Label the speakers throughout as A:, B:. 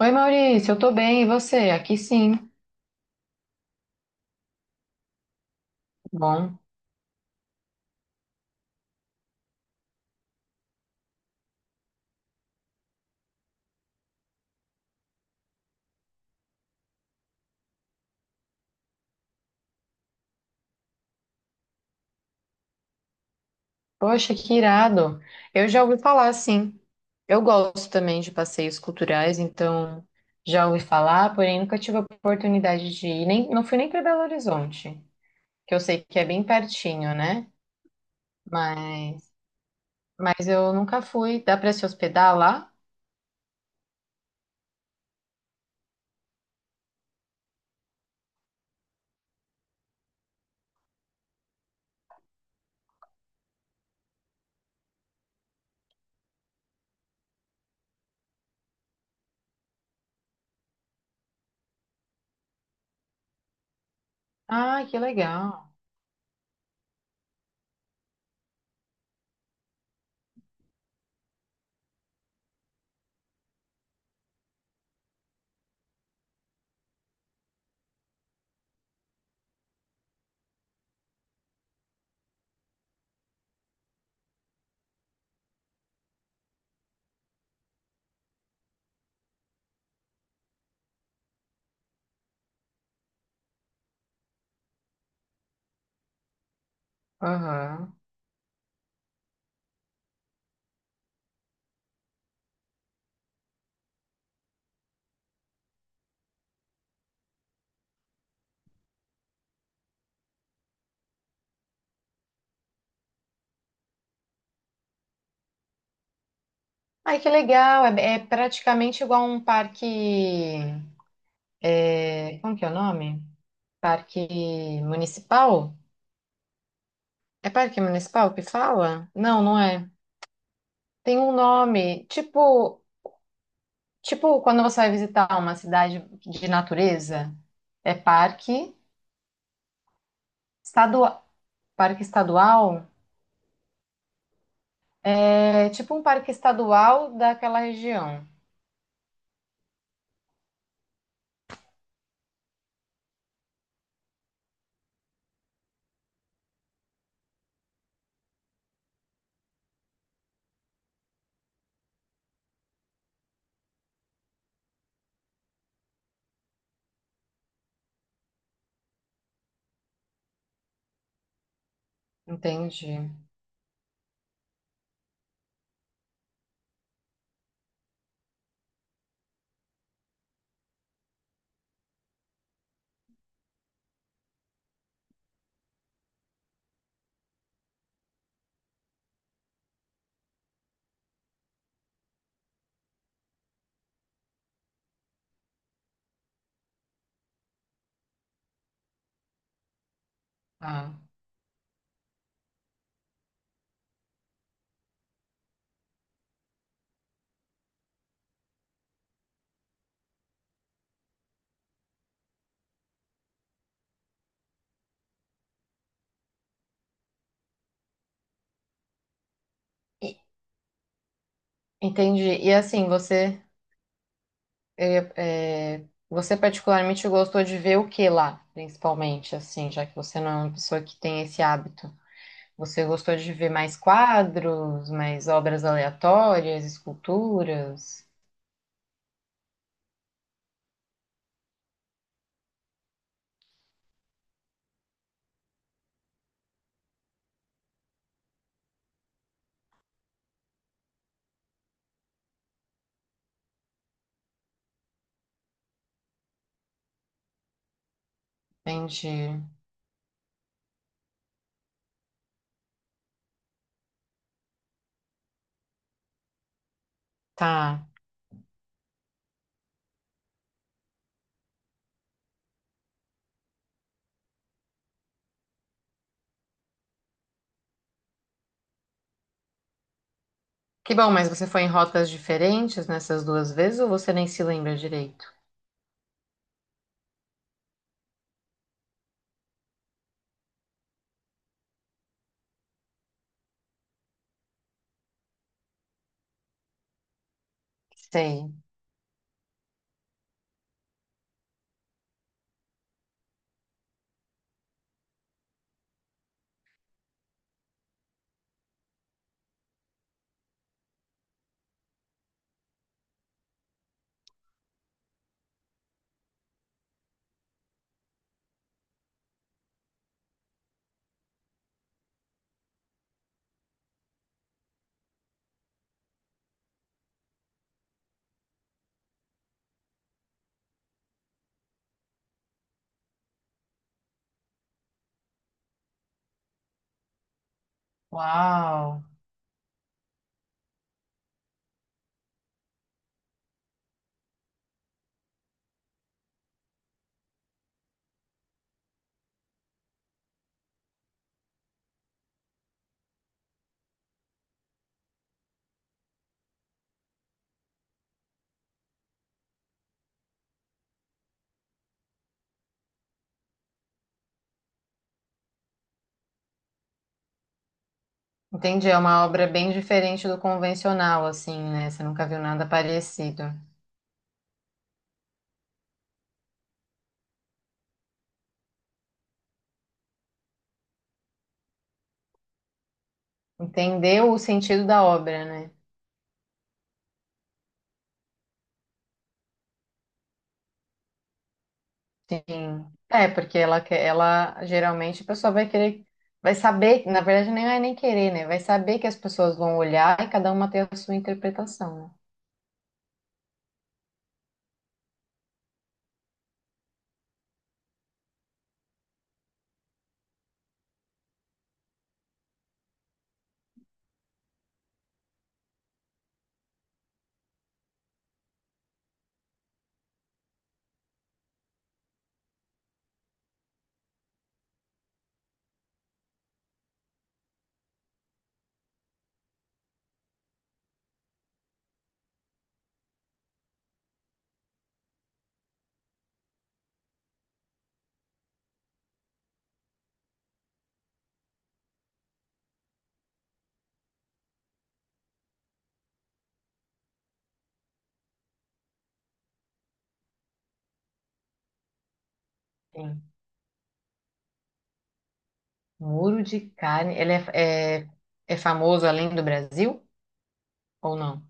A: Oi, Maurício, eu tô bem, e você? Aqui sim. Tá bom. Poxa, que irado. Eu já ouvi falar, sim. Eu gosto também de passeios culturais, então já ouvi falar, porém nunca tive a oportunidade de ir, nem, não fui nem para Belo Horizonte, que eu sei que é bem pertinho, né? Mas, mas eu nunca fui. Dá para se hospedar lá? Ah, que legal. Aham. Ai, que legal. É, é praticamente igual um parque. Como que é o nome? Parque municipal? É parque municipal que fala? Não, não é. Tem um nome, tipo, tipo quando você vai visitar uma cidade de natureza, é estadual, parque estadual, é tipo um parque estadual daquela região. Entendi. Ah, e- Entendi. E assim, você, você particularmente gostou de ver o que lá, principalmente, assim, já que você não é uma pessoa que tem esse hábito. Você gostou de ver mais quadros, mais obras aleatórias, esculturas? Entendi. Tá. Que bom, mas você foi em rotas diferentes nessas duas vezes ou você nem se lembra direito? Sei. Uau. Entendi, é uma obra bem diferente do convencional, assim, né? Você nunca viu nada parecido. Entendeu o sentido da obra, né? Sim. É, porque ela quer, ela geralmente a pessoa vai querer, vai saber, na verdade nem é nem querer, né? Vai saber que as pessoas vão olhar e cada uma tem a sua interpretação, né? Sim. Muro de carne, é famoso além do Brasil ou não?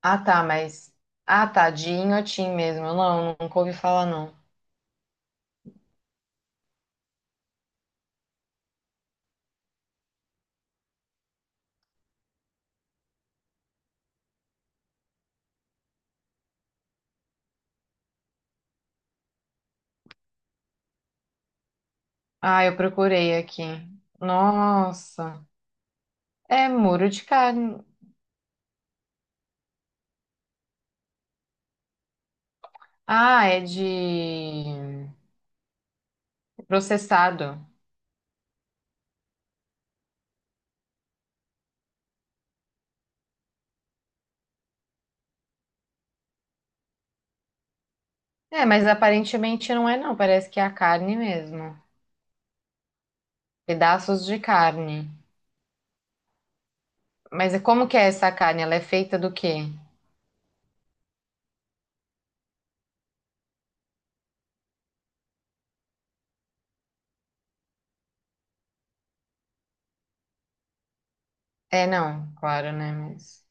A: Ah, tá, mas ah, tá, de Inhotim mesmo. Não, nunca ouvi falar não. Ah, eu procurei aqui. Nossa, é muro de carne. Ah, é de processado. É, mas aparentemente não é não, parece que é a carne mesmo. Pedaços de carne. Mas e como que é essa carne? Ela é feita do quê? É, não, claro, né? Mas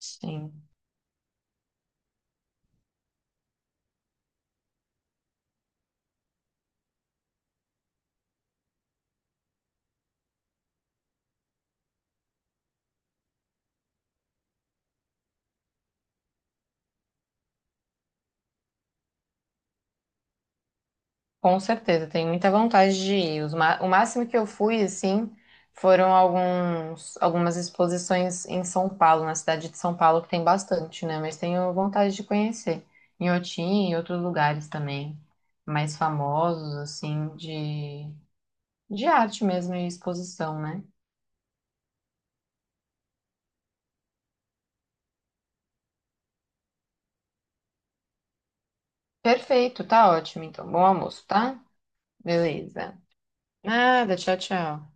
A: sim, com certeza, tenho muita vontade de ir. O máximo que eu fui, assim, foram alguns, algumas exposições em São Paulo, na cidade de São Paulo, que tem bastante, né? Mas tenho vontade de conhecer. Em Otim e outros lugares também, mais famosos, assim, de arte mesmo e exposição, né? Perfeito, tá ótimo. Então, bom almoço, tá? Beleza. Nada, tchau, tchau.